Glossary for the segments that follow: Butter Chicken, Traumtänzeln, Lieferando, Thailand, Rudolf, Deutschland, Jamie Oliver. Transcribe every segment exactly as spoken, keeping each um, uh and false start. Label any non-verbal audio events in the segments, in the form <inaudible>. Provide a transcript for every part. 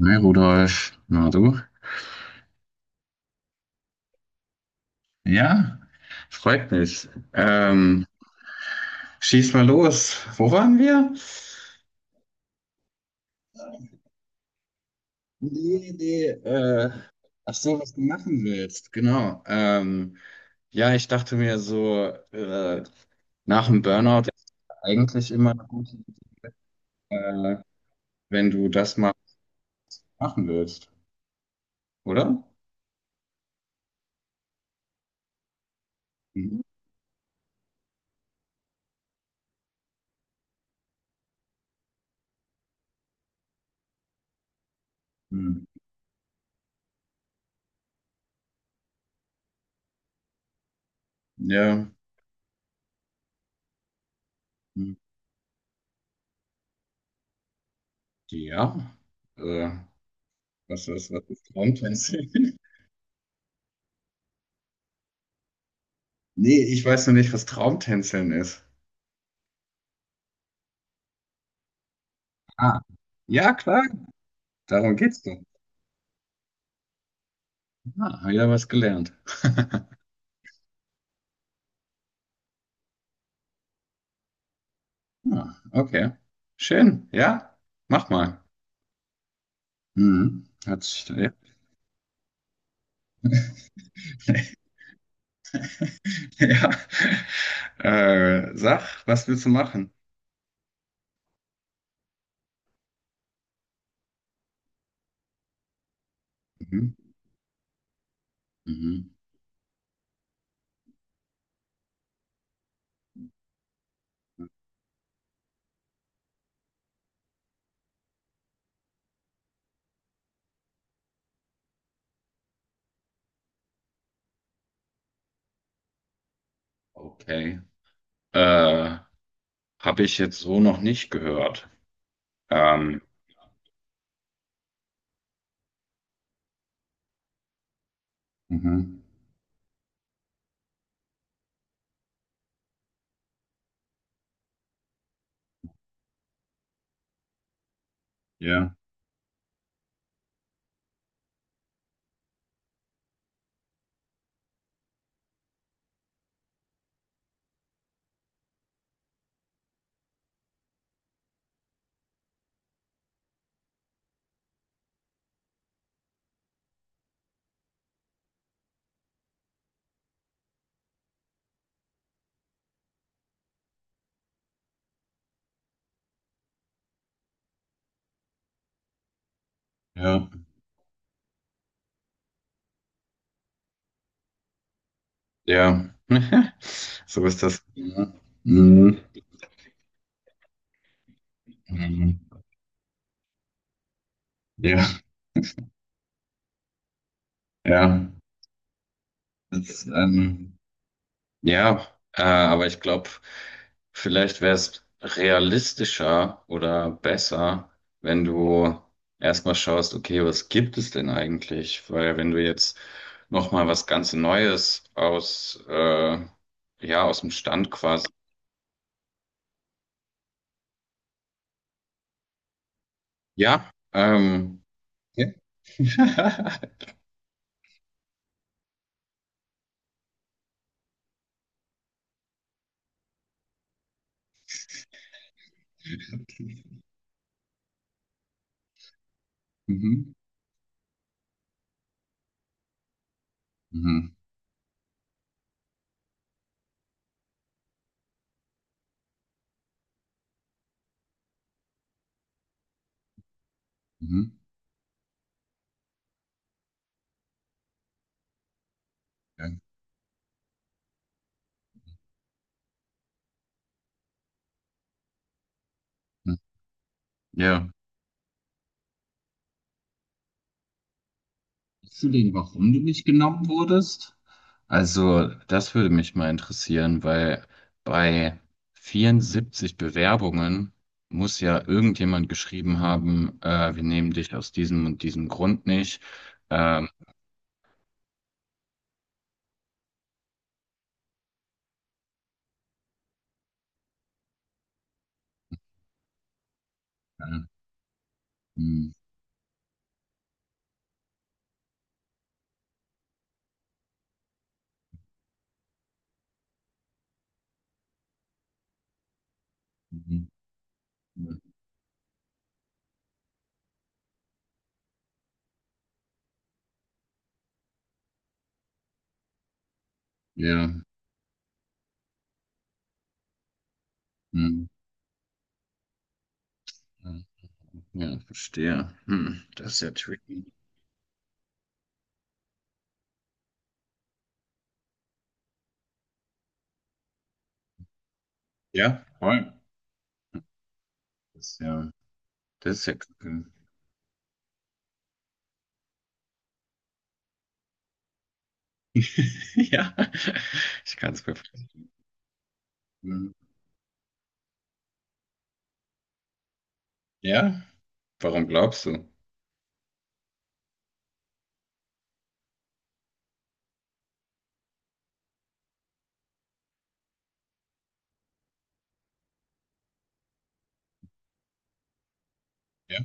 Hi Rudolf, na du? Ja, freut mich. Ähm, schieß mal los. Wo waren wir? Nee, nee, äh, ach so, was du machen willst, genau. Ähm, ja, ich dachte mir so, äh, nach dem Burnout ist eigentlich immer eine gute Idee, wenn du das mal machen willst, oder? Mhm. Hm. Ja. Hm. Ja. Äh, was, was, was ist Traumtänzeln? <laughs> Nee, ich weiß noch nicht, was Traumtänzeln ist. Ah, ja, klar, darum geht's doch. Ah, hab ja was gelernt. Ah, okay. Schön, ja, mach mal. Mhm. Hat sich, ja. <laughs> Ja. Äh, sag, was willst du machen? Mhm. Mhm. Okay. Äh, habe ich jetzt so noch nicht gehört. Ähm, mhm. Ja, ja, ja. <laughs> So ist das. Mhm. Mhm. Mhm. Ja, ja. Das, ähm, ja, äh, aber ich glaube, vielleicht wäre es realistischer oder besser, wenn du erstmal schaust, okay, was gibt es denn eigentlich? Weil wenn du jetzt nochmal was ganz Neues aus, äh, ja, aus dem Stand quasi. Ja, ähm, ja. <laughs> Mhm. Mhm. Mhm. Ja. Mhm. Ja. Weißt du denn, warum du nicht genommen wurdest? Also, das würde mich mal interessieren, weil bei vierundsiebzig Bewerbungen muss ja irgendjemand geschrieben haben, äh, wir nehmen dich aus diesem und diesem Grund nicht. Ähm, äh, hm, hm, hm, ja, hm, ja, ja, verstehe. Hm, das ist ja tricky. Ja, voll. Das ist ja, das ist ja kacke. <laughs> Ja, ich kann es mir vorstellen. Ja, warum glaubst du? Ja.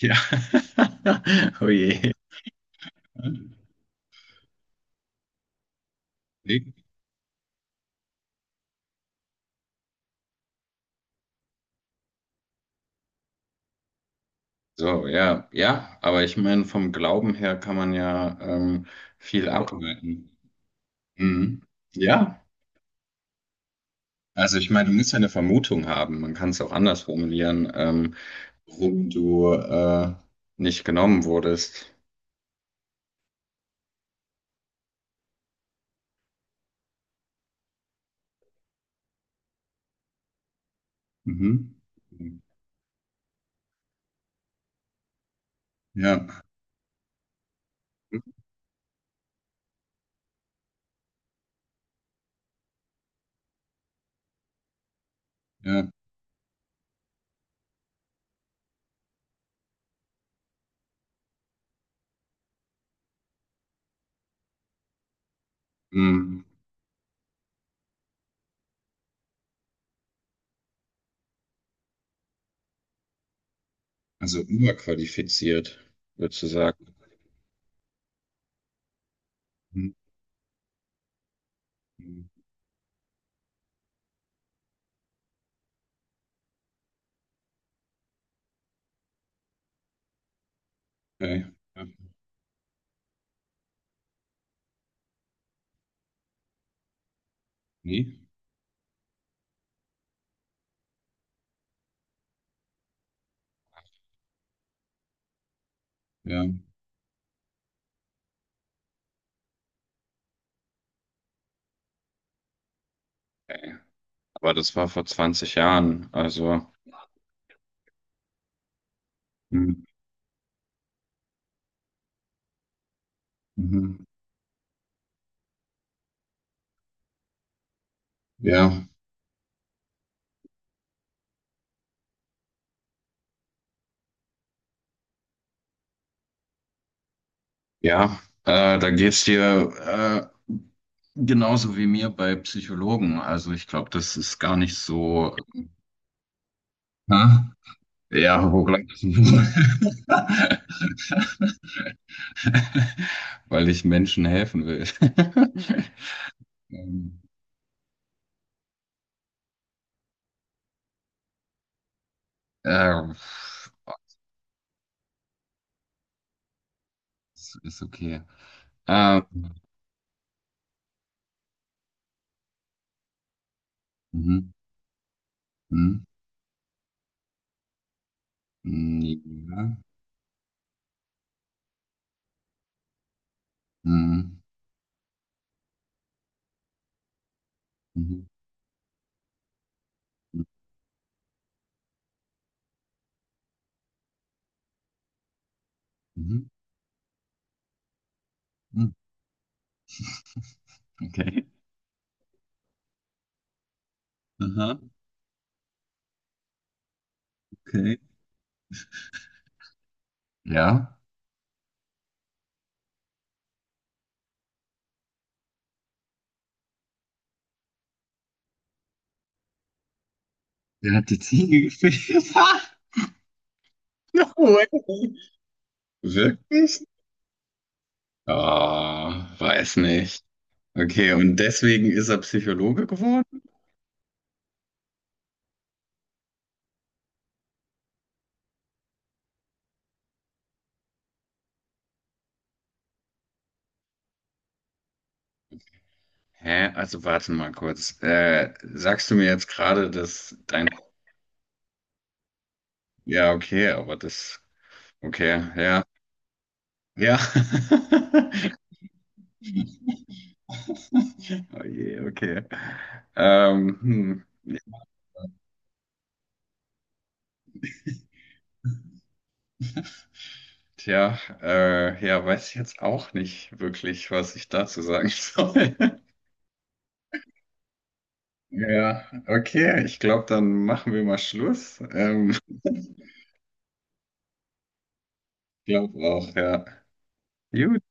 Ja. <laughs> Oh je. So, ja, ja, aber ich meine, vom Glauben her kann man ja ähm, viel ableiten. Mhm. Ja, also ich meine, du musst ja eine Vermutung haben. Man kann es auch anders formulieren, ähm, warum du äh, nicht genommen wurdest. Mhm. Ja, ja. Mhm. Also überqualifiziert, würdest sozusagen. Mhm. Okay. Ja. Nee. Ja. Okay. Aber das war vor zwanzig Jahren. Also, mhm. Mhm. Ja, ja, äh, da geht's dir äh, genauso wie mir bei Psychologen. Also, ich glaube, das ist gar nicht so. Hä? Ja, wo gleich das Niveau? <laughs> Weil ich Menschen helfen will. <laughs> Ähm, äh, ist, ist okay. Äh, mhm, mhm, mhm, ja, mhm, mhm, mhm, mhm, mhm, okay. Aha. Okay. Ja. Der hat die Ziege gefickt. <laughs> No way. Wirklich? Ah, weiß nicht. Okay, und deswegen ist er Psychologe geworden? Hä? Also warte mal kurz. Äh, sagst du mir jetzt gerade, dass dein... Ja, okay, aber das... Okay, ja. Ja. <laughs> Oh je, okay. Ähm, hm. Ja. Tja, äh, ja, weiß ich jetzt auch nicht wirklich, was ich dazu sagen <laughs> soll. Ja, okay, ich glaube, dann machen wir mal Schluss. Ähm, <laughs> ich glaube auch, ja. Gut.